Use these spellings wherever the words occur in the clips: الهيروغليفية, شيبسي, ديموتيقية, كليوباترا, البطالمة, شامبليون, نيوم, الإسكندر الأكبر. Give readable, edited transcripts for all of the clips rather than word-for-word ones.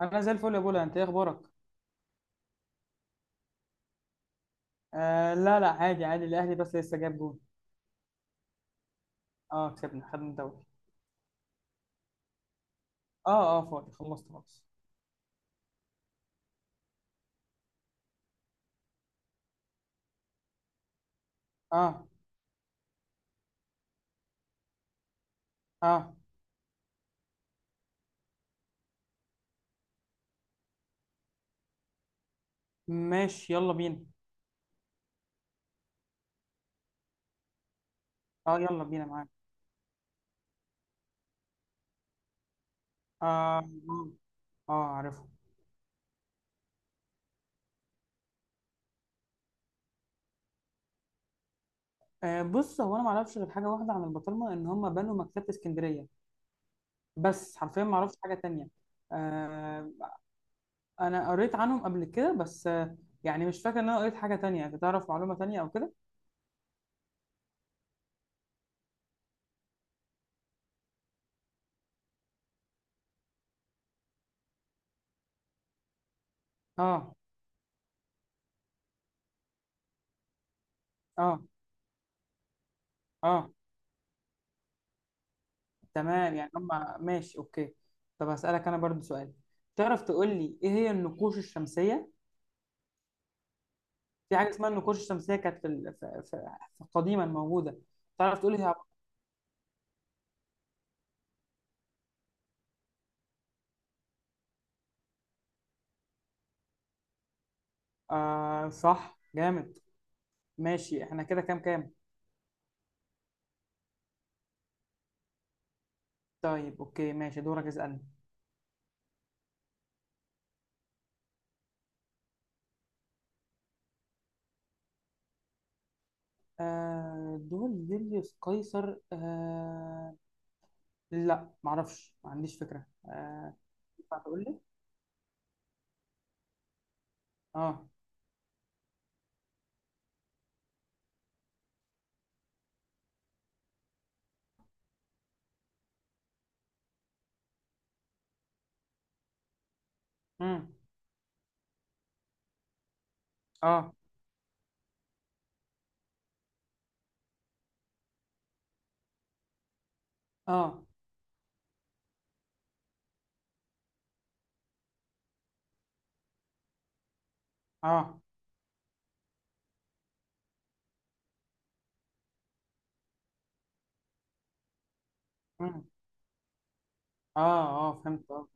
انا زي الفل يا بولا. انت ايه اخبارك؟ آه، لا لا، عادي عادي، الاهلي بس لسه جاب جول. اه، كسبنا، خدنا الدوري. اه، اه، فاضي، خلصت خلاص. اه، اه، ماشي، يلا بينا. اه، يلا بينا معاك. اه، اه، آه، عارفه. آه، بص، هو انا ما اعرفش غير حاجه واحده عن البطرمه ان هم بنوا مكتبه اسكندريه. بس حرفيا ما اعرفش حاجه تانية. آه، انا قريت عنهم قبل كده بس. يعني مش فاكر ان انا قريت حاجه تانية. انت تعرف معلومه تانية او كده؟ اه، اه، اه، تمام، يعني هم، ماشي، اوكي. طب هسألك انا برضو سؤال. تعرف تقول لي ايه هي النقوش الشمسية؟ في حاجة اسمها النقوش الشمسية كانت في ال- في- في- في قديما موجودة. تعرف تقول لي هي-؟ آه، صح، جامد. ماشي احنا كده كام كام؟ طيب، اوكي، ماشي، دورك اسألني. آه، دول يوليوس قيصر. لا، معرفش، ما عنديش فكرة. ينفع تقول لي؟ اه، امم، اه، اه، اه، امم، اه، اه فهمت، اه،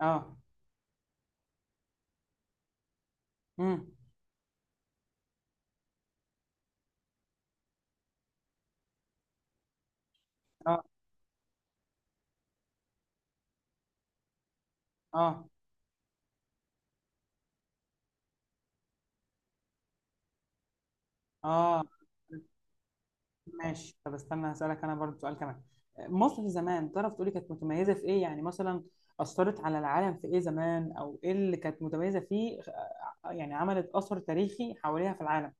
اه، مم. اه، اه، اه. ماشي، طب استنى، هسألك انا برضو سؤال كمان. مصر زمان تعرف تقولي كانت متميزة في ايه؟ يعني مثلا أثرت على العالم في ايه زمان، او ايه اللي كانت متميزة فيه؟ يعني عملت أثر تاريخي حواليها في العالم.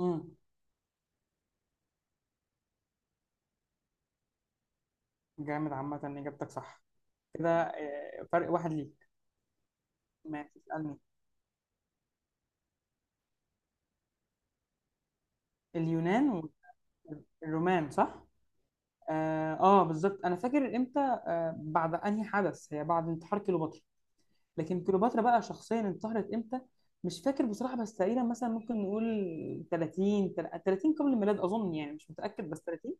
امم. جامد، عامة إجابتك صح كده. فرق واحد ليك. ماشي، اسألني. اليونان والرومان صح؟ اه، آه، بالظبط، انا فاكر امتى، آه، بعد انهي حدث. هي بعد انتحار كليوباترا. لكن كليوباترا بقى شخصيا انتحرت امتى؟ مش فاكر بصراحه، بس تقريبا مثلا ممكن نقول 30، 30 قبل الميلاد اظن، يعني مش متاكد، بس 30.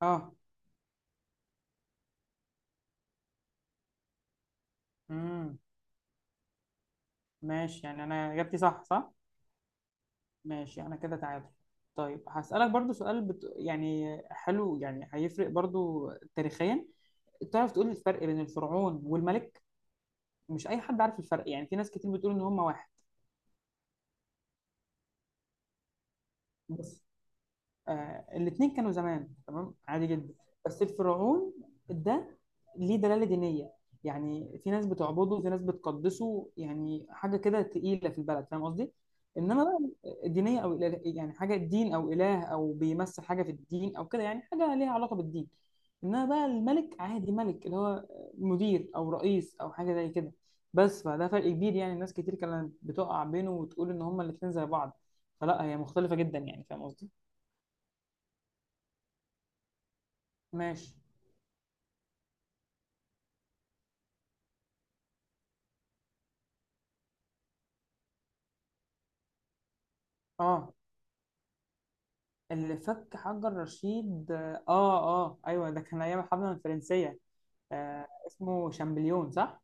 اه، امم. ماشي، يعني انا اجابتي صح صح. ماشي انا كده تعادل. طيب هسألك برضو سؤال يعني حلو، يعني هيفرق برضو تاريخيا. تعرف تقول لي الفرق بين الفرعون والملك؟ مش اي حد عارف الفرق، يعني في ناس كتير بتقول ان هم واحد. بس الاثنين كانوا زمان تمام عادي جدا. بس الفرعون ده ليه دلالة دينية. يعني في ناس بتعبده وفي ناس بتقدسه، يعني حاجة كده تقيلة في البلد، فاهم قصدي؟ انما بقى دينية او إله، يعني حاجة دين او اله او بيمثل حاجة في الدين او كده، يعني حاجة ليها علاقة بالدين. انما بقى الملك عادي، ملك اللي هو مدير او رئيس او حاجة زي كده. بس فده فرق كبير، يعني ناس كتير كانت بتقع بينه وتقول ان هما الاتنين زي بعض. فلا، هي مختلفة جدا، يعني فاهم قصدي؟ ماشي. اه، اللي فك حجر رشيد، اه، اه، ايوه، ده كان ايام الحمله الفرنسيه. آه، اسمه شامبليون صح؟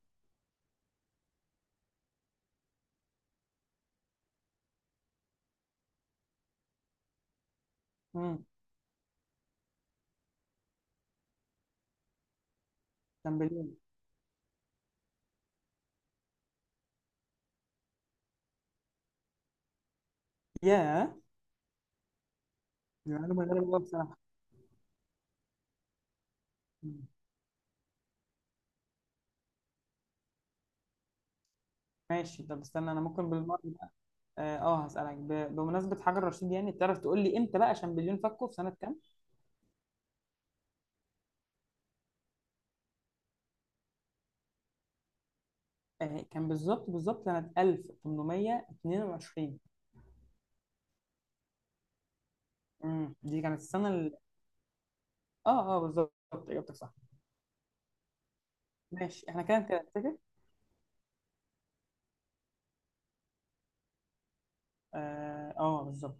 امم، شامبليون. ياه، دي معلومه غريبه أوي بصراحه. مم. ماشي، طب استنى، انا ممكن بالمره بقى. اه، آه، هسالك بمناسبه حجر رشيد، يعني تعرف تقول لي امتى بقى شامبليون فكه، في سنه كام؟ آه، كان بالظبط بالظبط سنه 1822. امم، دي كانت السنه ال... اه، اه، بالظبط، اجابتك صح. ماشي احنا كده كده نتفق. اه، آه، بالظبط.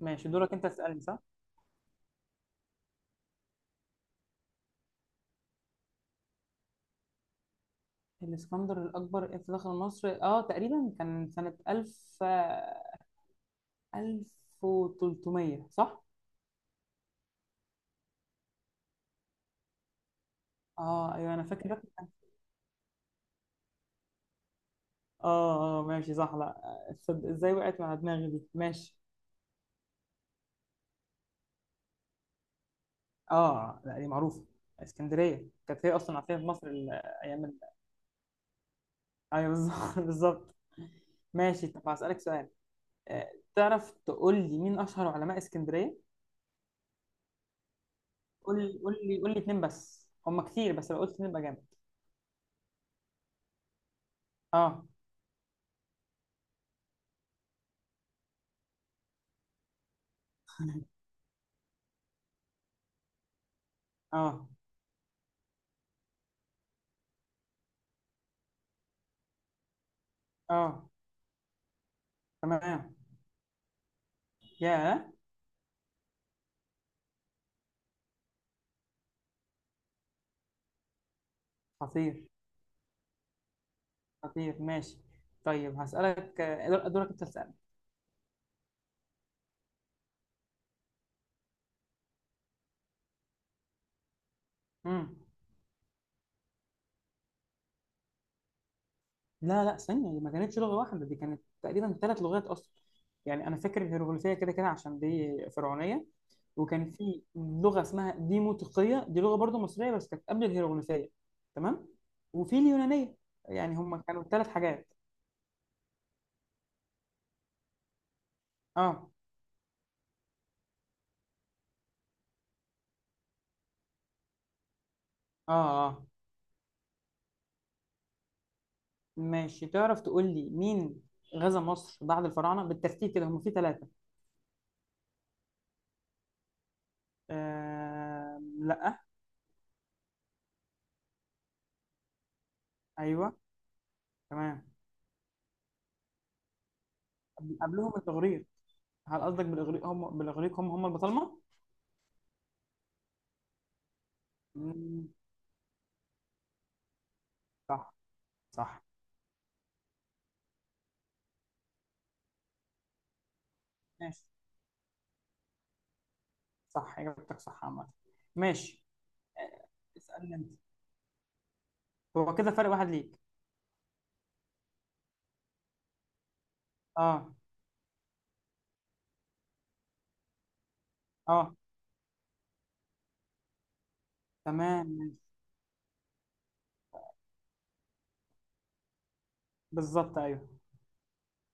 ماشي، دورك انت تسألني صح؟ الاسكندر الأكبر امتى دخل مصر؟ اه تقريبا كان سنة 1000، 1300 صح؟ اه، ايوه، انا فاكر كان-. اه، اه، ماشي، صح، لا تصدق ازاي وقعت مع دماغي دي، ماشي. اه، لا، دي معروفة. اسكندرية كانت هي اصلا عاصمة مصر ال-. ايام ال-. ايوه، بالظبط بالظبط. ماشي، طب هسألك سؤال. تعرف تقول لي مين اشهر علماء اسكندرية؟ قول لي قول لي قول لي اتنين بس، هم كتير، بس لو قلت اتنين يبقى جامد. اه اه، اه، تمام، يا خطير. خطير، ماشي. طيب هسألك دورك انت تسأل. امم. لا لا، ثانية دي ما كانتش لغة واحدة، دي كانت تقريبا ثلاث لغات أصلا. يعني أنا فاكر الهيروغليفية كده كده عشان دي فرعونية. وكان في لغة اسمها ديموتيقية، دي لغة برضو مصرية، بس كانت قبل الهيروغليفية. تمام. وفي اليونانية. يعني هم كانوا ثلاث حاجات. اه، اه، اه، ماشي. تعرف تقول لي مين غزا مصر بعد الفراعنة بالترتيب كده؟ هم في ثلاثة. لا. ايوه، تمام. قبلهم الاغريق. هل قصدك بالاغريق؟ هم بالاغريق هم البطالمه. مم، صح. صح. ماشي، صح، اجابتك صح عامه. ماشي. آه، اسالني انت. هو كده فرق واحد ليك. اه، اه، تمام، ماشي، بالظبط، ايوه.